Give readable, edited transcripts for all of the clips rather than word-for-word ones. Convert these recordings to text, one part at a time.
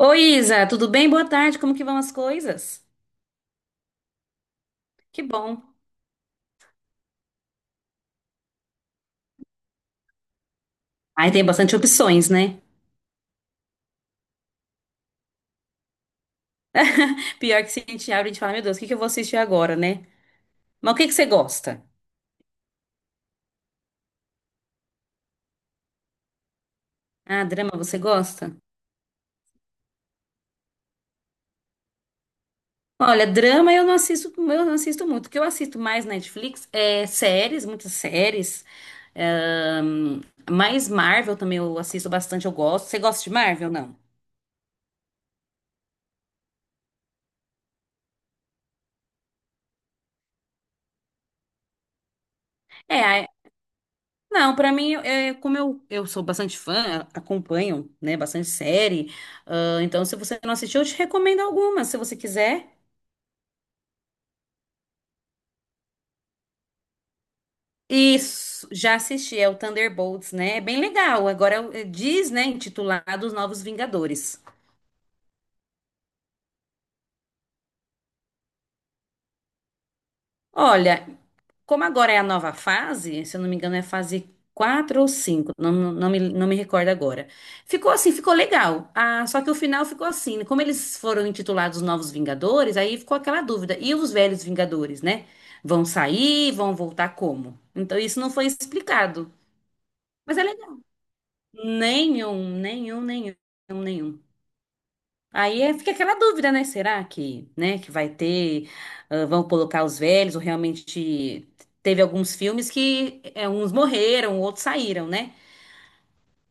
Oi, Isa, tudo bem? Boa tarde, como que vão as coisas? Que bom. Aí tem bastante opções, né? Pior que se a gente abre, e a gente fala, meu Deus, o que que eu vou assistir agora, né? Mas o que que você gosta? Ah, drama você gosta? Olha, drama eu não assisto muito. O que eu assisto mais na Netflix é séries, muitas séries. Ahn, mais Marvel também eu assisto bastante, eu gosto. Você gosta de Marvel, não? É, Não, pra mim, como eu sou bastante fã, acompanho, né, bastante série, então se você não assistiu, eu te recomendo algumas, se você quiser. Isso, já assisti, é o Thunderbolts, né? É bem legal. Agora é diz, né, intitulado Os Novos Vingadores. Olha, como agora é a nova fase, se eu não me engano, é fase 4 ou 5, não me recordo agora. Ficou legal. Ah, só que o final ficou assim, né? Como eles foram intitulados Novos Vingadores, aí ficou aquela dúvida. E os velhos Vingadores, né? Vão sair, vão voltar como? Então isso não foi explicado. Mas é legal. Nenhum, nenhum, nenhum, nenhum. Fica aquela dúvida, né? Será que, né, que vai ter, ah, vão colocar os velhos, ou realmente teve alguns filmes que uns morreram, outros saíram, né?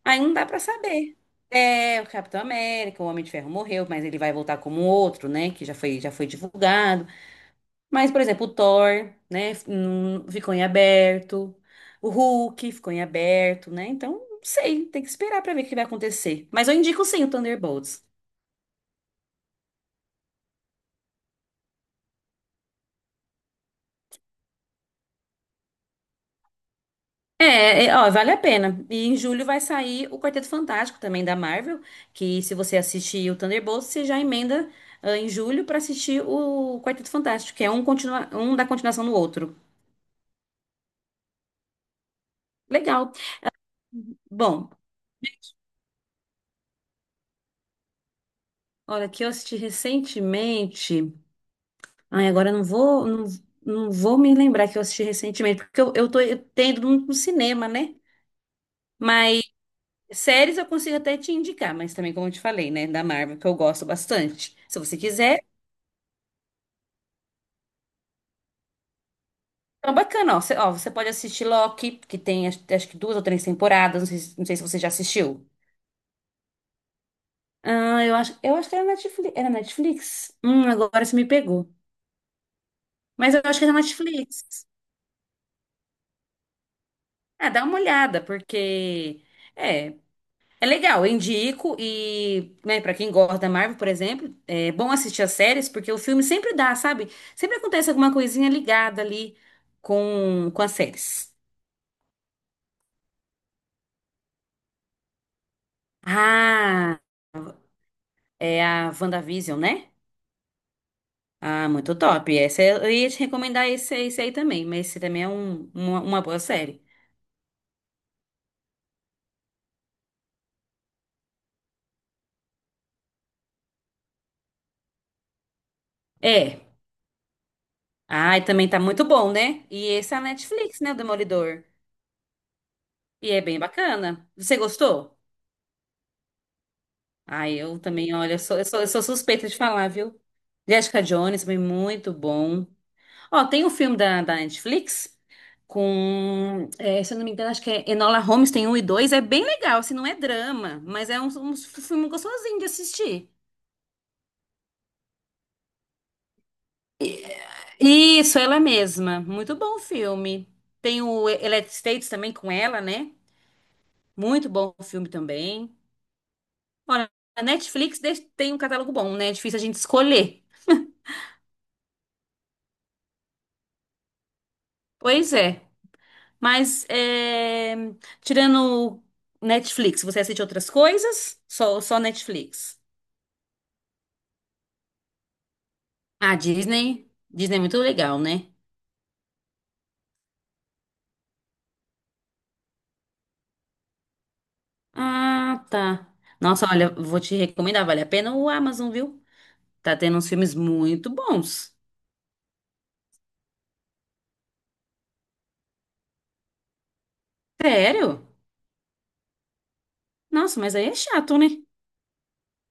Aí não dá pra saber. É, o Capitão América, o Homem de Ferro morreu, mas ele vai voltar como outro, né? Já foi divulgado. Mas, por exemplo, o Thor, né? Ficou em aberto. O Hulk ficou em aberto, né? Então, não sei, tem que esperar pra ver o que vai acontecer. Mas eu indico sim o Thunderbolts. Ó, vale a pena. E em julho vai sair o Quarteto Fantástico também da Marvel, que se você assistir o Thunderbolts, você já emenda em julho pra assistir o Quarteto Fantástico, continua um da continuação do outro. Legal. Bom, olha, que eu assisti recentemente. Ai, agora eu não vou, não vou me lembrar que eu assisti recentemente, porque eu tô, eu tenho ido no cinema, né? Mas séries eu consigo até te indicar, mas também, como eu te falei, né, da Marvel, que eu gosto bastante. Se você quiser. Então, bacana, ó. Você pode assistir Loki, que tem acho, acho que duas ou três temporadas. Não sei, não sei se você já assistiu. Eu acho que era Netflix. Era Netflix? Agora você me pegou. Mas eu acho que era Netflix. Ah, dá uma olhada, porque é, é legal, eu indico. E, né, para quem gosta da Marvel, por exemplo, é bom assistir as séries, porque o filme sempre dá, sabe? Sempre acontece alguma coisinha ligada ali com as séries. Ah, é a WandaVision, né? Ah, muito top. Essa eu ia te recomendar esse aí também, mas esse também é uma boa série. É. Ah, e também tá muito bom, né? E esse é a Netflix, né? O Demolidor. E é bem bacana. Você gostou? Ah, eu também, olha, eu sou suspeita de falar, viu? Jessica Jones, também muito bom. Ó, tem um filme da Netflix é, se eu não me engano, acho que é Enola Holmes, tem um e dois. É bem legal, assim, não é drama, mas é um filme gostosinho de assistir. Isso, ela mesma. Muito bom filme. Tem o Electric States também com ela, né? Muito bom filme também. Olha, tem um catálogo bom, né? É difícil a gente escolher. Pois é. Mas, tirando Netflix, você assiste outras coisas? Só Netflix. Ah, Disney. Disney é muito legal, né? Ah, tá. Nossa, olha, vou te recomendar, vale a pena o Amazon, viu? Tá tendo uns filmes muito bons. Sério? Nossa, mas aí é chato, né?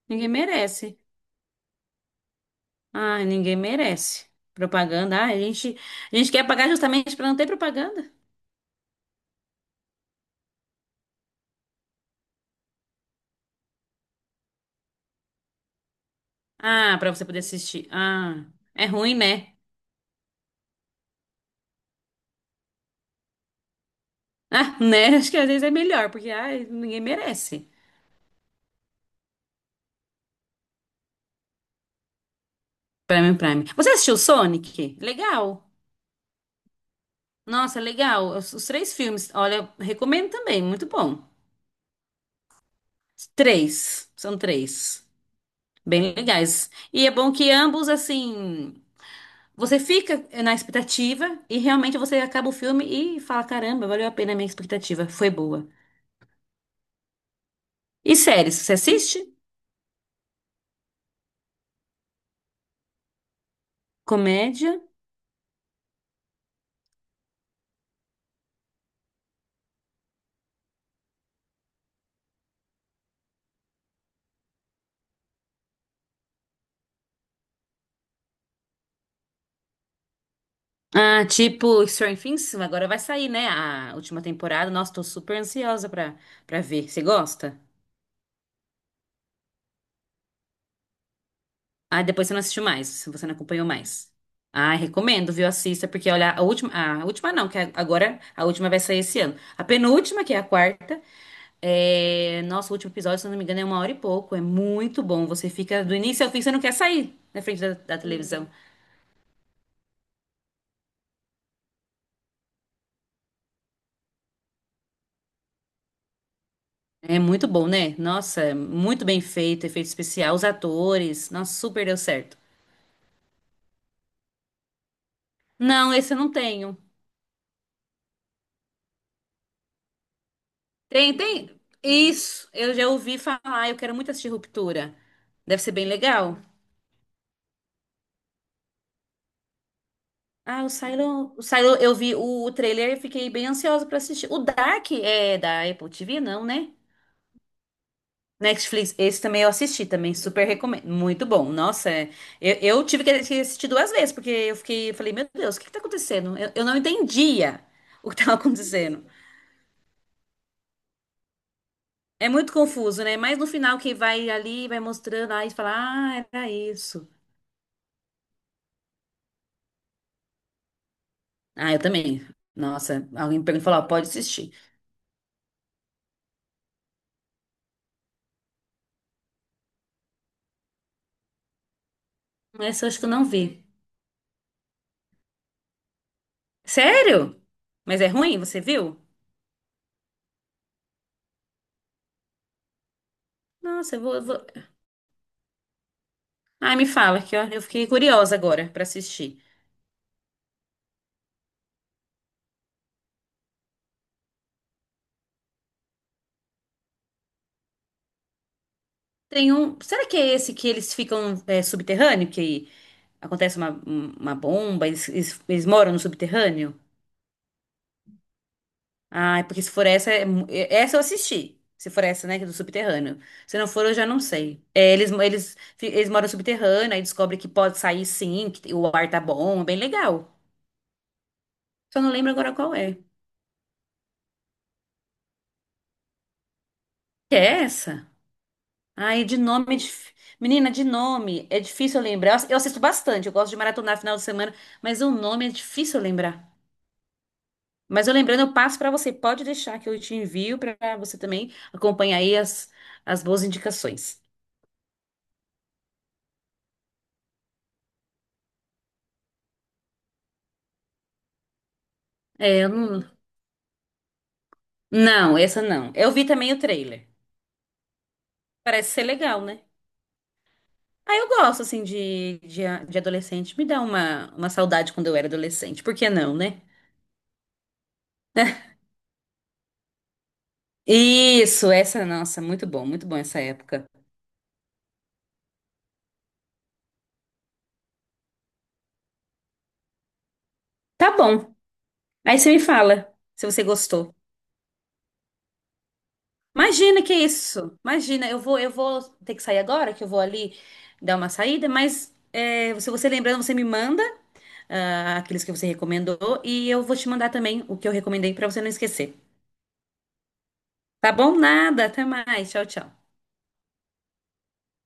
Ninguém merece. Ai, ninguém merece. Propaganda. A gente quer pagar justamente pra não ter propaganda. Ah, pra você poder assistir. Ah, é ruim, né? Ah, né? Acho que às vezes é melhor, porque ai, ninguém merece. Prime, Prime. Você assistiu Sonic? Legal. Nossa, legal. Os três filmes. Olha, recomendo também. Muito bom. Três. São três. Bem legais. E é bom que ambos, assim. Você fica na expectativa e realmente você acaba o filme e fala: caramba, valeu a pena a minha expectativa, foi boa. E séries, você assiste? Comédia? Ah, tipo Stranger Things, agora vai sair, né? A última temporada. Nossa, tô super ansiosa pra ver. Você gosta? Ah, depois você não assistiu mais, você não acompanhou mais. Ah, recomendo, viu? Assista, porque olha, a última não, que é agora a última vai sair esse ano. A penúltima, que é a quarta, é, nosso último episódio, se eu não me engano, é uma hora e pouco. É muito bom. Você fica do início ao fim, você não quer sair na frente da televisão. É muito bom, né? Nossa, muito bem feito, efeito especial, os atores. Nossa, super deu certo. Não, esse eu não tenho. Tem, tem. Isso, eu já ouvi falar. Eu quero muito assistir Ruptura. Deve ser bem legal. Ah, o Silo, eu vi o trailer e fiquei bem ansiosa pra assistir. O Dark é da Apple TV, não, né? Netflix, esse também eu assisti, também super recomendo. Muito bom. Nossa, eu tive que assistir duas vezes, porque eu fiquei, eu falei, meu Deus, o que que tá acontecendo? Eu não entendia o que tava acontecendo. É muito confuso, né? Mas no final que vai ali, vai mostrando, aí fala, ah, era isso. Ah, eu também. Nossa, alguém pegou e falou, ó, pode assistir. Essa eu acho que eu não vi. Sério? Mas é ruim? Você viu? Eu vou... Ai, me fala, que ó, eu fiquei curiosa agora pra assistir. Tem um. Será que é esse que eles ficam é, subterrâneo? Que acontece uma bomba, eles moram no subterrâneo? Ah, é porque se for essa, essa eu assisti. Se for essa, né, que é do subterrâneo. Se não for, eu já não sei. É, eles moram no subterrâneo, aí descobre que pode sair sim, que o ar tá bom, é bem legal. Só não lembro agora qual é. Que é essa? Ai, de nome. Menina, de nome. É difícil eu lembrar. Eu assisto bastante, eu gosto de maratonar final de semana, mas o nome é difícil eu lembrar. Mas eu lembrando, eu passo para você. Pode deixar que eu te envio para você também acompanhar aí as boas indicações. É, eu não... não, essa não. Eu vi também o trailer. Parece ser legal, né? Ah, eu gosto, assim, de adolescente. Me dá uma saudade quando eu era adolescente. Por que não, né? Nossa, muito bom essa época. Tá bom. Aí você me fala se você gostou. Imagina que isso. Imagina, eu vou ter que sair agora, que eu vou ali dar uma saída, mas é, se você lembrando, você me manda aqueles que você recomendou e eu vou te mandar também o que eu recomendei pra você não esquecer. Tá bom? Nada, até mais. Tchau, tchau.